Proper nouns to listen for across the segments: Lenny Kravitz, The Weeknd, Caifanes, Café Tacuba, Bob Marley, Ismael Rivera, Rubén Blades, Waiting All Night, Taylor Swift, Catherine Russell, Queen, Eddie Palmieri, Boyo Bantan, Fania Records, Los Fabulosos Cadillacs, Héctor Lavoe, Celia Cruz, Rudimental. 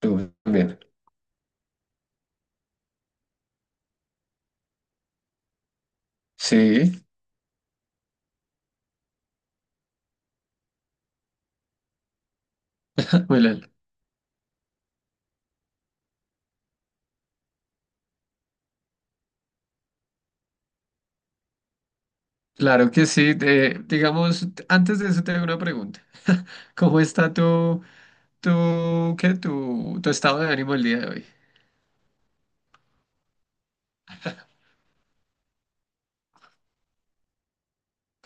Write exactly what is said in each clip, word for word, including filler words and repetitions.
Tú también. Sí, muy bien. Claro que sí. De- digamos, antes de eso te hago una pregunta. ¿Cómo está tu, tu, qué, tu, tu estado de ánimo el día de hoy?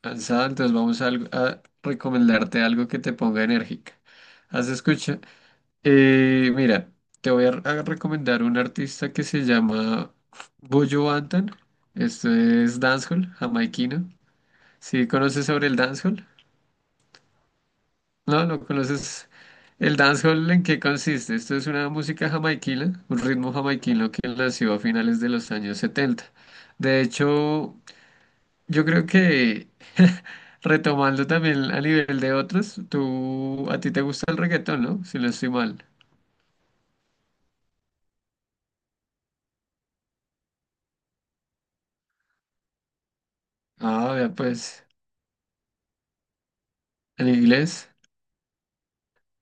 Cansado, entonces vamos a, algo- a recomendarte algo que te ponga enérgica. ¿Has escuchado? Eh, mira, te voy a, a recomendar un artista que se llama Boyo Bantan. Esto es dancehall jamaiquino. ¿Sí conoces sobre el dancehall? No, no conoces el dancehall en qué consiste. Esto es una música jamaiquina, un ritmo jamaiquino que nació a finales de los años setenta. De hecho, yo creo que retomando también a nivel de otros, tú a ti te gusta el reggaetón, ¿no? Si no estoy mal. Ah, ya pues, en inglés.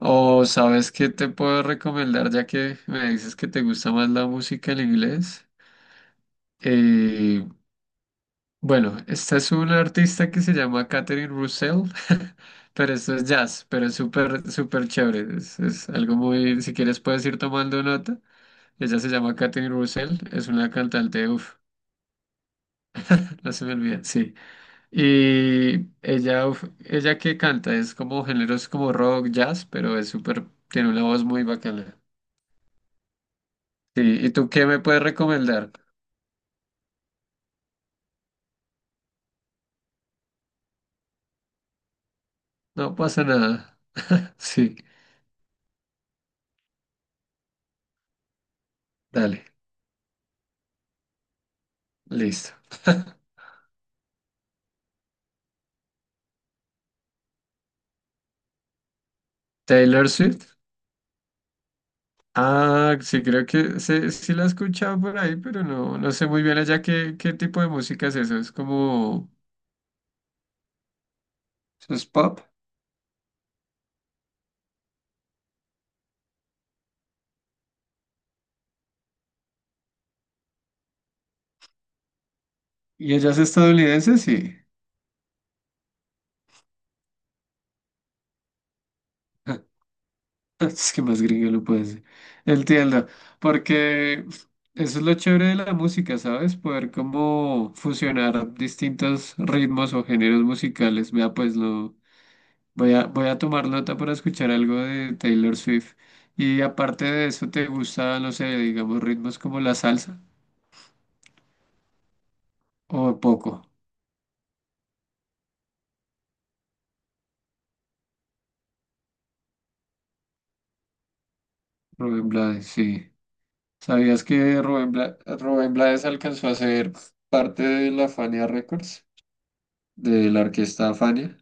O sabes qué te puedo recomendar ya que me dices que te gusta más la música en inglés. Eh, Bueno, esta es una artista que se llama Catherine Russell, pero esto es jazz, pero es súper, súper chévere. Es, es algo muy, si quieres puedes ir tomando nota. Ella se llama Catherine Russell, es una cantante, uff, no se me olvida, sí. Y ella, uf, ella que canta, es como géneros como rock, jazz, pero es súper, tiene una voz muy bacana. Sí, ¿y tú qué me puedes recomendar? No pasa nada. Sí, dale, listo. Taylor Swift. Ah, sí, creo que sí, sí la he escuchado por ahí, pero no, no sé muy bien allá qué, qué tipo de música es eso. Es como, eso es pop. ¿Y ella es estadounidense? Sí. Es que más gringo lo puede ser. Entiendo. Porque eso es lo chévere de la música, ¿sabes? Poder como fusionar distintos ritmos o géneros musicales. Vea, pues lo voy a, voy a tomar nota para escuchar algo de Taylor Swift. Y aparte de eso, ¿te gusta, no sé, digamos, ritmos como la salsa? O poco, Rubén Blades, sí. ¿Sabías que Rubén, Bla- Rubén Blades alcanzó a ser parte de la Fania Records, de la orquesta Fania?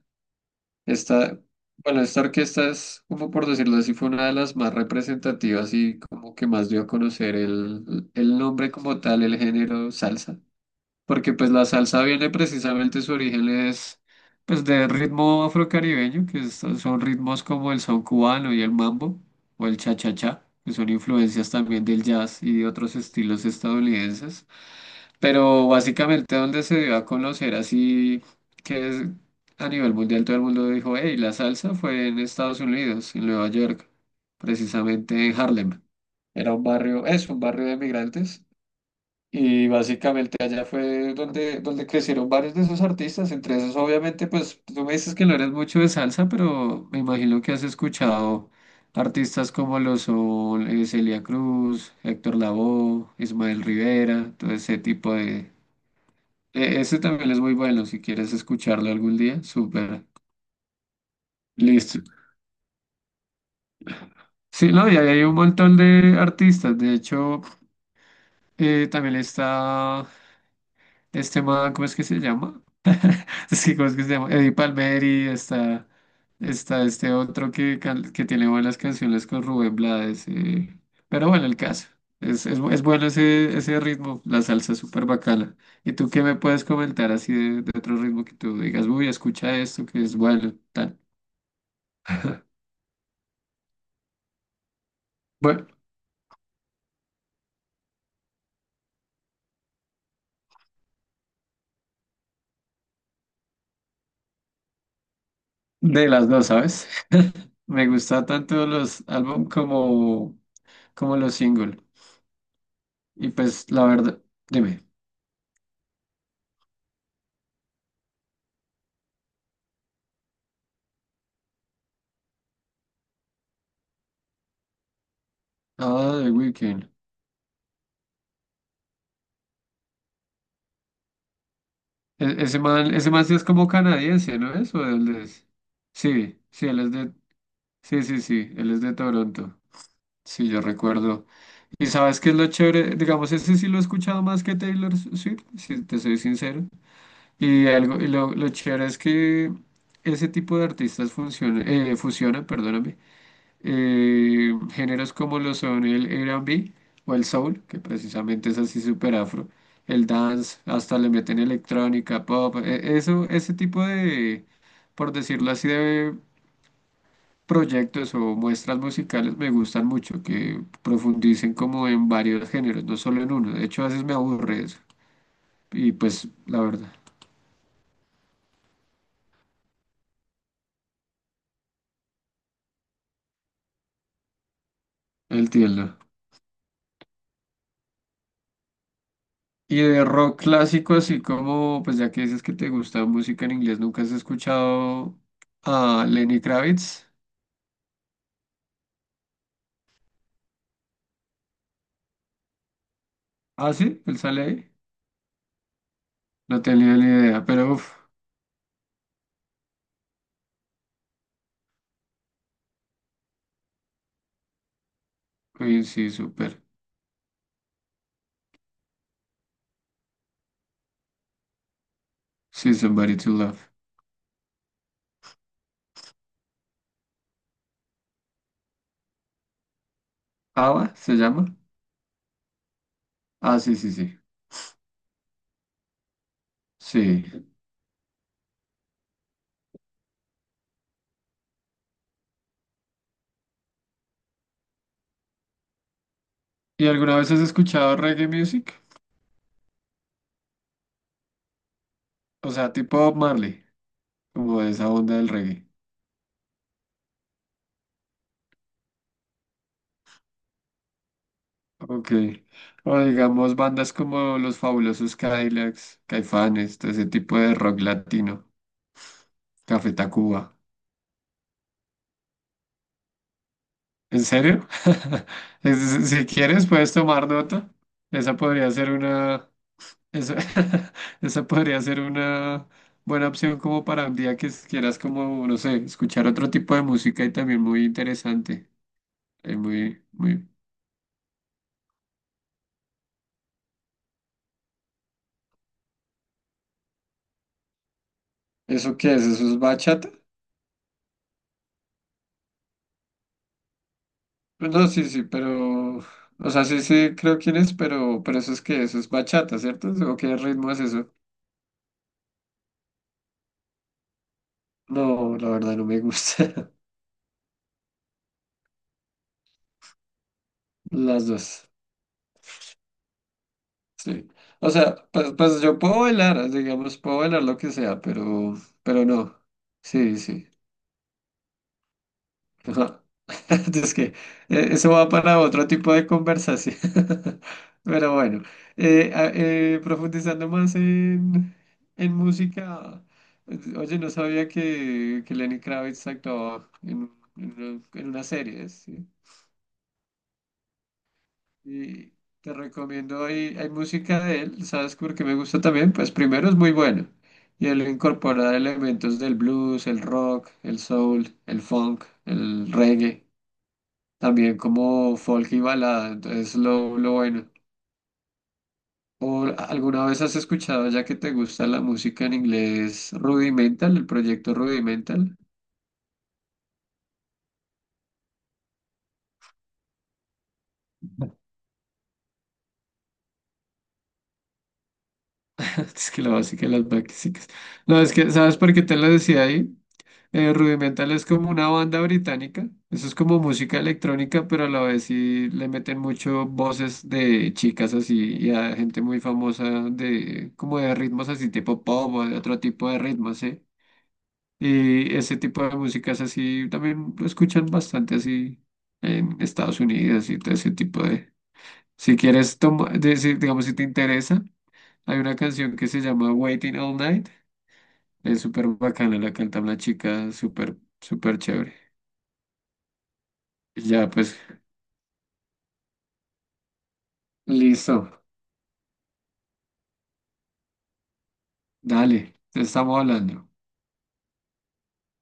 Esta, bueno, esta orquesta es, como por decirlo así, fue una de las más representativas y como que más dio a conocer el, el nombre como tal, el género salsa. Porque pues la salsa viene precisamente, su origen es pues de ritmo afrocaribeño, que es- son ritmos como el son cubano y el mambo, o el cha-cha-cha, que son influencias también del jazz y de otros estilos estadounidenses, pero básicamente donde se dio a conocer así que es- a nivel mundial todo el mundo dijo, hey, la salsa fue en Estados Unidos, en Nueva York, precisamente en Harlem. Era un barrio, es un barrio de migrantes y básicamente allá fue donde, donde crecieron varios de esos artistas, entre esos obviamente, pues tú me dices que no eres mucho de salsa, pero me imagino que has escuchado artistas como lo son eh, Celia Cruz, Héctor Lavoe, Ismael Rivera, todo ese tipo de... e- Ese también es muy bueno, si quieres escucharlo algún día, súper. Listo. Sí, no, y ahí hay un montón de artistas, de hecho, eh, también está... Este man, ¿cómo es que se llama? Es que, ¿cómo es que se llama? Eddie Palmieri, está, está este otro que, can- que tiene buenas canciones con Rubén Blades. eh, Pero bueno, el caso. Es, es, bu- es bueno ese, ese ritmo, la salsa es súper bacana. ¿Y tú qué me puedes comentar así de, de otro ritmo que tú digas, uy, escucha esto que es bueno, tal? Bueno, de las dos, ¿sabes? Me gusta tanto los álbum como, como los singles. Y pues la verdad, dime. Ah, The Weeknd. E- Ese man, ese man sí es como canadiense, ¿no es? ¿O de dónde es? Sí, sí, él es de, sí, sí, sí, él es de Toronto. Sí, yo recuerdo. ¿Y sabes qué es lo chévere? Digamos, ese sí lo he escuchado más que Taylor Swift, si te soy sincero. Y algo, y lo, lo chévere es que ese tipo de artistas funciona, eh, fusionan, eh, géneros como lo son el R and B o el soul, que precisamente es así súper afro, el dance, hasta le meten electrónica, pop, e- eso, ese tipo de, por decirlo así, de proyectos o muestras musicales me gustan mucho, que profundicen como en varios géneros, no solo en uno. De hecho, a veces me aburre eso. Y pues, la verdad, entiendo. Y de rock clásico, así como, pues ya que dices que te gusta música en inglés, ¿nunca has escuchado a Lenny Kravitz? Ah, sí, él sale ahí. No tenía ni idea, pero uff, Queen sí, súper. Sí, Somebody to Love. ¿Ava se llama? Ah, sí, sí, sí. Sí. ¿Y alguna vez has escuchado reggae music? O sea, tipo Bob Marley, como de esa onda del reggae. Ok. O digamos bandas como Los Fabulosos Cadillacs, Caifanes, todo ese tipo de rock latino. Café Tacuba. ¿En serio? Es- es- Si quieres, puedes tomar nota. Esa podría ser una, esa, esa podría ser una buena opción como para un día que s- quieras como, no sé, escuchar otro tipo de música y también muy interesante. Es muy, muy... ¿Eso qué es? ¿Eso es bachata? Pues no, sí, sí, pero... O sea, sí, sí, creo quién es, pero, pero eso es que eso es bachata, ¿cierto? ¿O qué ritmo es eso? No, la verdad no me gusta. Las dos. Sí. O sea, pues, pues yo puedo bailar, digamos, puedo bailar lo que sea, pero, pero no. Sí, sí. Ajá. Es que eh, eso va para otro tipo de conversación. Pero bueno, eh, a- eh, profundizando más en, en música, eh, oye, no sabía que, que Lenny Kravitz actuaba en, en una, en una serie, ¿sí? Y te recomiendo, hay, hay música de él, ¿sabes por qué me gusta también? Pues primero es muy bueno. Y él incorpora elementos del blues, el rock, el soul, el funk, el reggae, también como folk y balada, entonces lo, lo bueno. ¿O alguna vez has escuchado, ya que te gusta la música en inglés, Rudimental, el proyecto Rudimental? Es que la básica de las básicas. No, es que, ¿sabes por qué te lo decía ahí? Eh, Rudimental es como una banda británica, eso es como música electrónica, pero a la vez sí le meten mucho voces de chicas así y a gente muy famosa de como de ritmos así tipo pop o de otro tipo de ritmos, ¿sí? Y ese tipo de músicas así también lo escuchan bastante así en Estados Unidos y todo ese tipo de... Si quieres, toma, de- si- digamos, si te interesa, hay una canción que se llama Waiting All Night, es súper bacana, la canta una chica súper, súper chévere. Ya, pues, listo. Dale, te estamos hablando.